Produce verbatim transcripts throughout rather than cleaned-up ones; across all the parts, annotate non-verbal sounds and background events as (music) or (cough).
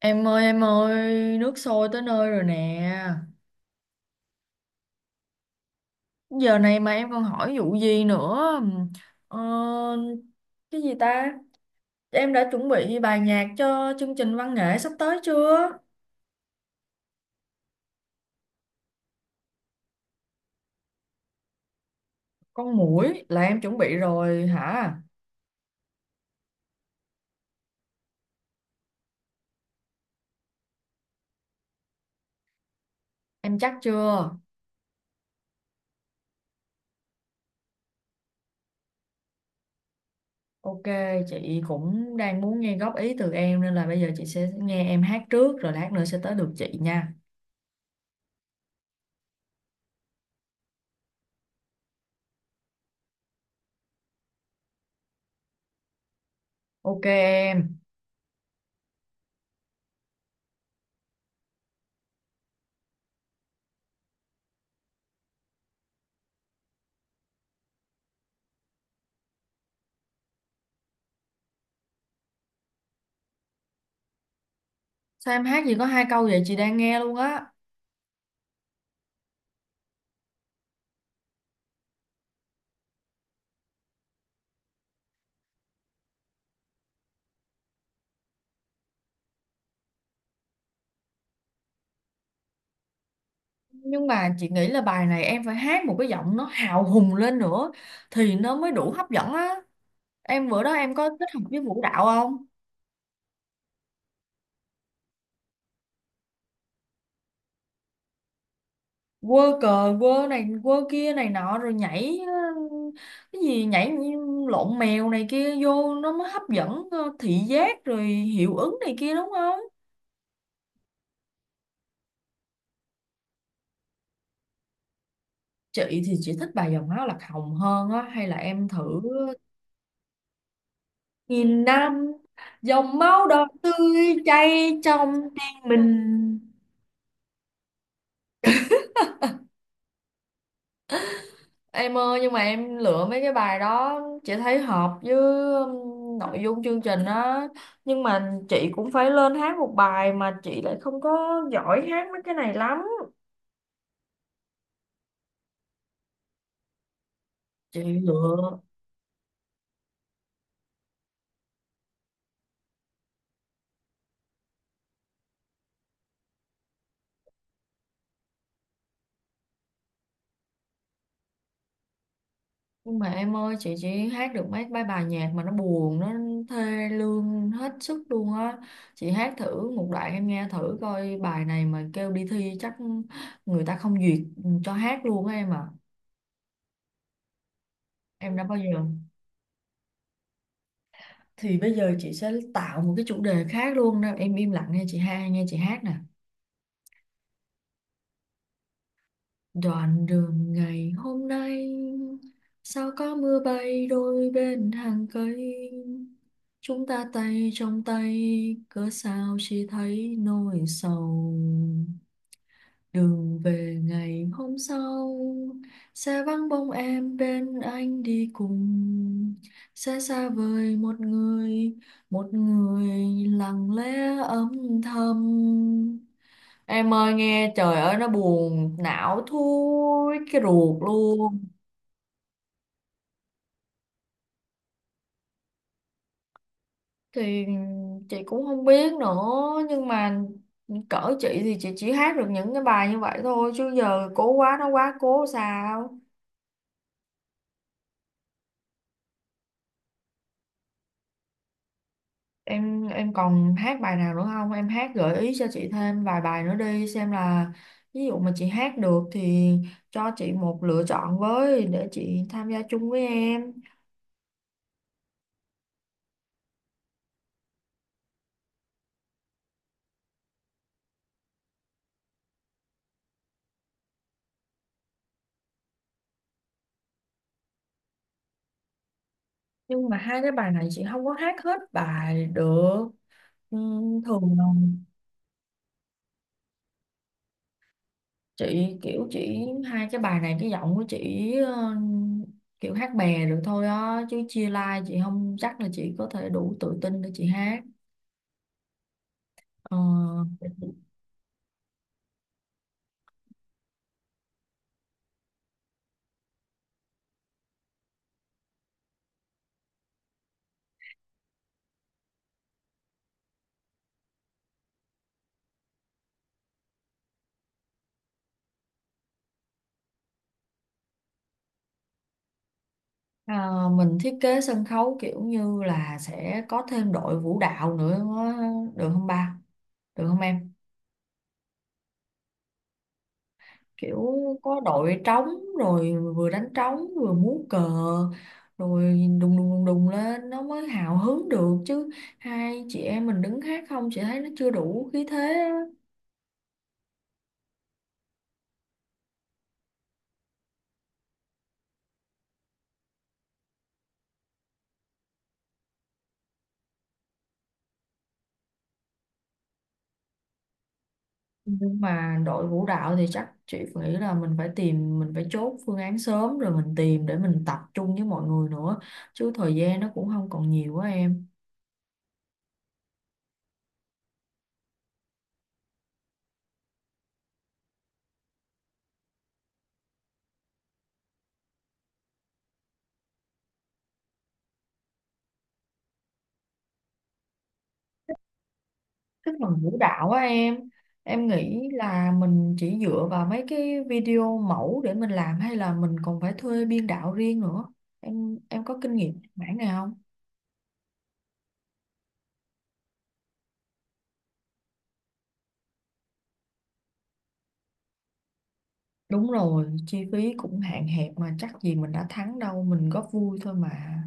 Em ơi em ơi, nước sôi tới nơi rồi nè. Giờ này mà em còn hỏi vụ gì nữa? Ờ, cái gì ta? Em đã chuẩn bị bài nhạc cho chương trình văn nghệ sắp tới chưa? Con muỗi là em chuẩn bị rồi hả? Em chắc chưa? Ok, chị cũng đang muốn nghe góp ý từ em nên là bây giờ chị sẽ nghe em hát trước rồi lát nữa sẽ tới được chị nha. Ok em. Sao em hát gì có hai câu vậy chị đang nghe luôn á. Nhưng mà chị nghĩ là bài này em phải hát một cái giọng nó hào hùng lên nữa thì nó mới đủ hấp dẫn á. Em bữa đó em có kết hợp với vũ đạo không? Quơ cờ quơ này quơ kia này nọ rồi nhảy ờ, cái gì nhảy như lộn mèo này kia vô nó mới hấp dẫn ờ, thị giác rồi hiệu ứng này kia đúng không? Chị thì chị thích bài Dòng máu lạc hồng hơn á, hay là em thử. Nghìn năm, dòng máu đỏ tươi chảy trong tim mình. Em ơi, nhưng mà em lựa mấy cái bài đó chị thấy hợp với um, nội dung chương trình á. Nhưng mà chị cũng phải lên hát một bài mà chị lại không có giỏi hát mấy cái này lắm. Chị lựa. Nhưng mà em ơi, chị chỉ hát được mấy mấy bài nhạc mà nó buồn, nó thê lương hết sức luôn á. Chị hát thử một đoạn em nghe thử coi, bài này mà kêu đi thi chắc người ta không duyệt cho hát luôn á em à. Em đã bao giờ. Thì bây giờ chị sẽ tạo một cái chủ đề khác luôn đó em, im lặng nghe chị ha, nghe chị hát nè. Đoạn đường ngày hôm nay sao có mưa bay đôi bên hàng cây, chúng ta tay trong tay, cớ sao chỉ thấy nỗi sầu. Đường về ngày hôm sau sẽ vắng bóng em bên anh đi cùng, sẽ xa vời một người, một người lặng lẽ âm thầm. Em ơi nghe, trời ơi, nó buồn não thui cái ruột luôn. Thì chị cũng không biết nữa. Nhưng mà cỡ chị thì chị chỉ hát được những cái bài như vậy thôi. Chứ giờ cố quá nó quá cố sao. Em em còn hát bài nào nữa không? Em hát gợi ý cho chị thêm vài bài nữa đi. Xem là ví dụ mà chị hát được thì cho chị một lựa chọn với. Để chị tham gia chung với em. Nhưng mà hai cái bài này chị không có hát hết bài được. Ừ, thường là chị kiểu chỉ hai cái bài này cái giọng của chị ờ, kiểu hát bè được thôi á, chứ chia live chị không chắc là chị có thể đủ tự tin để chị hát. Ờ, à, mình thiết kế sân khấu kiểu như là sẽ có thêm đội vũ đạo nữa, được không ba, được không em? Kiểu có đội trống, rồi vừa đánh trống vừa múa cờ, rồi đùng đùng đùng đùng lên nó mới hào hứng được chứ, hai chị em mình đứng hát không chị thấy nó chưa đủ khí thế á. Nhưng mà đội vũ đạo thì chắc chị nghĩ là mình phải tìm, mình phải chốt phương án sớm rồi mình tìm để mình tập trung với mọi người nữa, chứ thời gian nó cũng không còn nhiều quá em. Tức là vũ đạo á em. Em nghĩ là mình chỉ dựa vào mấy cái video mẫu để mình làm hay là mình còn phải thuê biên đạo riêng nữa? Em em có kinh nghiệm mảng này không? Đúng rồi, chi phí cũng hạn hẹp mà chắc gì mình đã thắng đâu, mình góp vui thôi mà.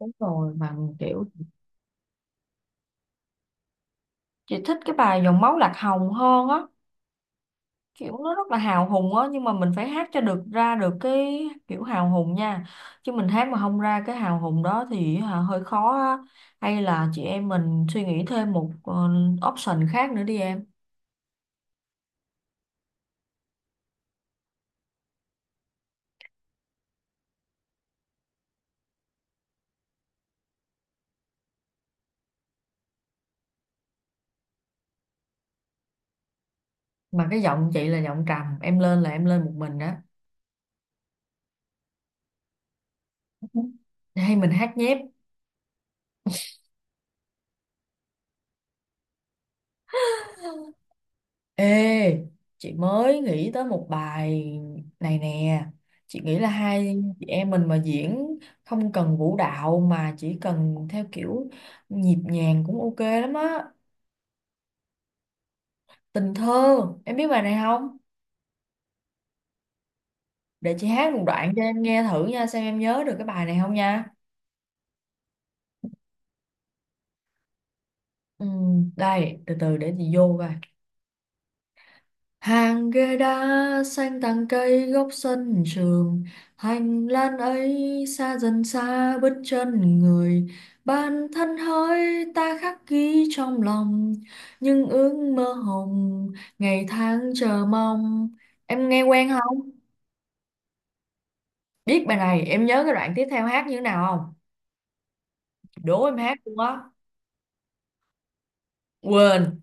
Đúng rồi, mà kiểu chị thích cái bài Dòng máu lạc hồng hơn á. Kiểu nó rất là hào hùng á, nhưng mà mình phải hát cho được, ra được cái kiểu hào hùng nha, chứ mình hát mà không ra cái hào hùng đó thì hả, hơi khó á. Hay là chị em mình suy nghĩ thêm một ờ, option khác nữa đi em. Mà cái giọng chị là giọng trầm, em lên là em lên một mình đó. Hay mình hát nhép. Ê, chị mới nghĩ tới một bài này nè. Chị nghĩ là hai chị em mình mà diễn không cần vũ đạo mà chỉ cần theo kiểu nhịp nhàng cũng ok lắm á. Tình thơ, em biết bài này không? Để chị hát một đoạn cho em nghe thử nha, xem em nhớ được cái bài này không nha. Ừ, đây, từ từ để chị vô coi. Hàng ghế đá xanh tàng cây góc sân trường, hành lang ấy xa dần xa bước chân người. Bản thân hỡi ta khắc ghi trong lòng những ước mơ hồng, ngày tháng chờ mong. Em nghe quen không? Biết bài này, em nhớ cái đoạn tiếp theo hát như thế nào không? Đố em hát luôn á. Quên.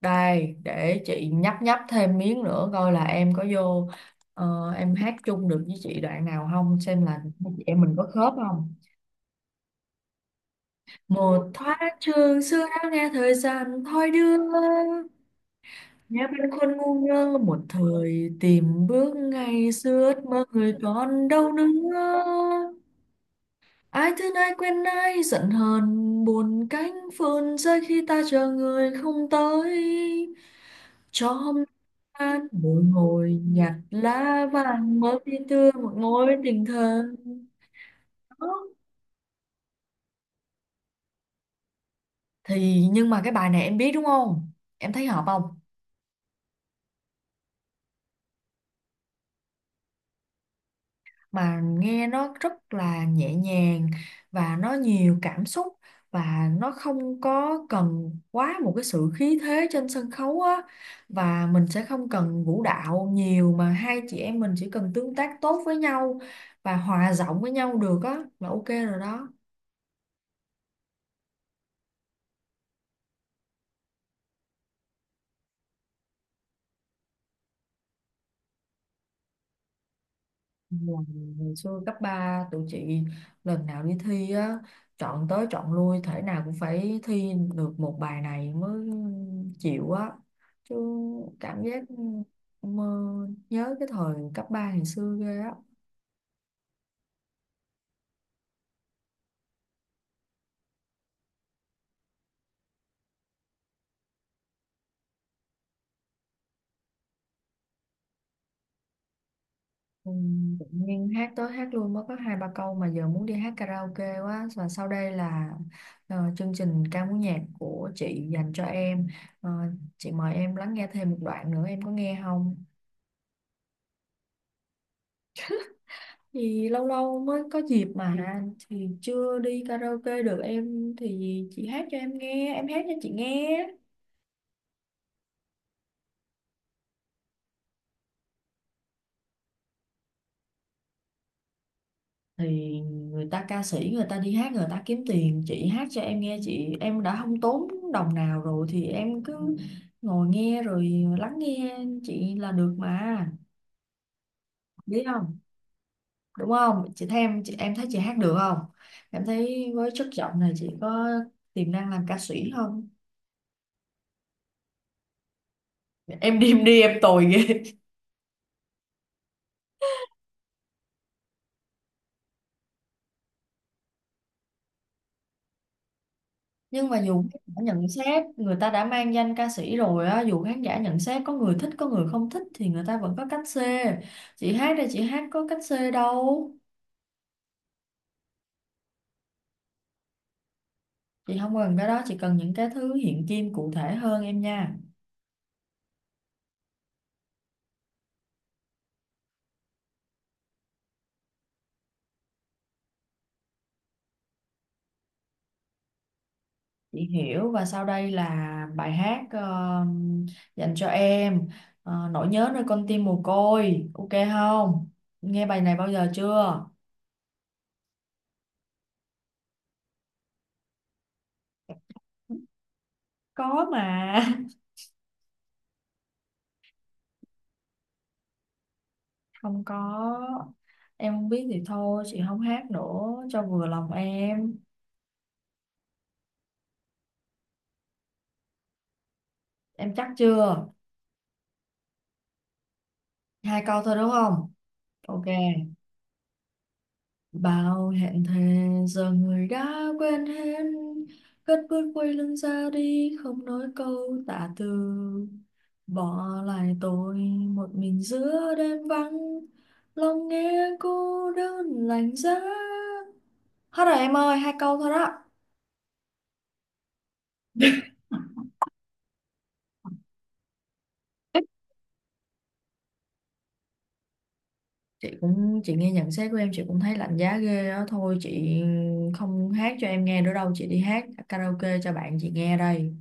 Đây, để chị nhấp nhấp thêm miếng nữa coi là em có vô ờ, em hát chung được với chị đoạn nào không, xem là hai chị em mình có khớp không. Một thoáng trường xưa đã nghe thời gian thoi đưa, nghe bên khuôn ngu ngơ một thời, tìm bước ngày xưa ước mơ người còn đâu nữa. Ai thương ai quen ai giận hờn, buồn cánh phơn rơi khi ta chờ người không tới, cho hôm an mỗi ngồi nhặt lá vàng mới đi tươi một ngôi tình thân. Thì nhưng mà cái bài này em biết đúng không, em thấy hợp không? Mà nghe nó rất là nhẹ nhàng và nó nhiều cảm xúc, và nó không có cần quá một cái sự khí thế trên sân khấu á, và mình sẽ không cần vũ đạo nhiều mà hai chị em mình chỉ cần tương tác tốt với nhau và hòa giọng với nhau được á là ok rồi đó. Là ngày xưa cấp ba tụi chị, lần nào đi thi á, chọn tới chọn lui thể nào cũng phải thi được một bài này mới chịu á, chứ cảm giác mơ, nhớ cái thời cấp ba ngày xưa ghê á. Ừ, tự nhiên hát tới hát luôn mới có hai ba câu mà giờ muốn đi hát karaoke quá, và sau đây là ờ, chương trình ca múa nhạc của chị dành cho em. Ờ, chị mời em lắng nghe thêm một đoạn nữa, em có nghe không? Thì lâu lâu mới có dịp mà, thì chưa đi karaoke được em thì chị hát cho em nghe, em hát cho chị nghe. Thì người ta ca sĩ người ta đi hát người ta kiếm tiền, chị hát cho em nghe chị em đã không tốn đồng nào rồi thì em cứ ngồi nghe rồi lắng nghe chị là được mà. Biết không, đúng không chị, thấy em chị em thấy chị hát được không, em thấy với chất giọng này chị có tiềm năng làm ca sĩ không? Em đi em đi em tồi ghê. Nhưng mà dù khán giả nhận xét, người ta đã mang danh ca sĩ rồi á, dù khán giả nhận xét có người thích có người không thích thì người ta vẫn có cách xê, chị hát đây chị hát có cách xê đâu. Chị không cần cái đó, chị cần những cái thứ hiện kim cụ thể hơn em nha. Chị hiểu, và sau đây là bài hát ờ, dành cho em. Ờ, nỗi nhớ nơi con tim mồ côi, ok không, nghe bài này bao giờ chưa? Có mà (laughs) không có, em không biết thì thôi chị không hát nữa cho vừa lòng em. Em chắc chưa? Hai câu thôi đúng không? Ok. Bao hẹn thề giờ người đã quên hết, cất bước quay lưng ra đi không nói câu tạ từ, bỏ lại tôi một mình giữa đêm vắng, lòng nghe cô đơn lạnh giá. Hết rồi em ơi, hai câu thôi đó. Chị cũng chị nghe nhận xét của em chị cũng thấy lạnh giá ghê đó, thôi chị không hát cho em nghe nữa đâu, chị đi hát karaoke cho bạn chị nghe đây.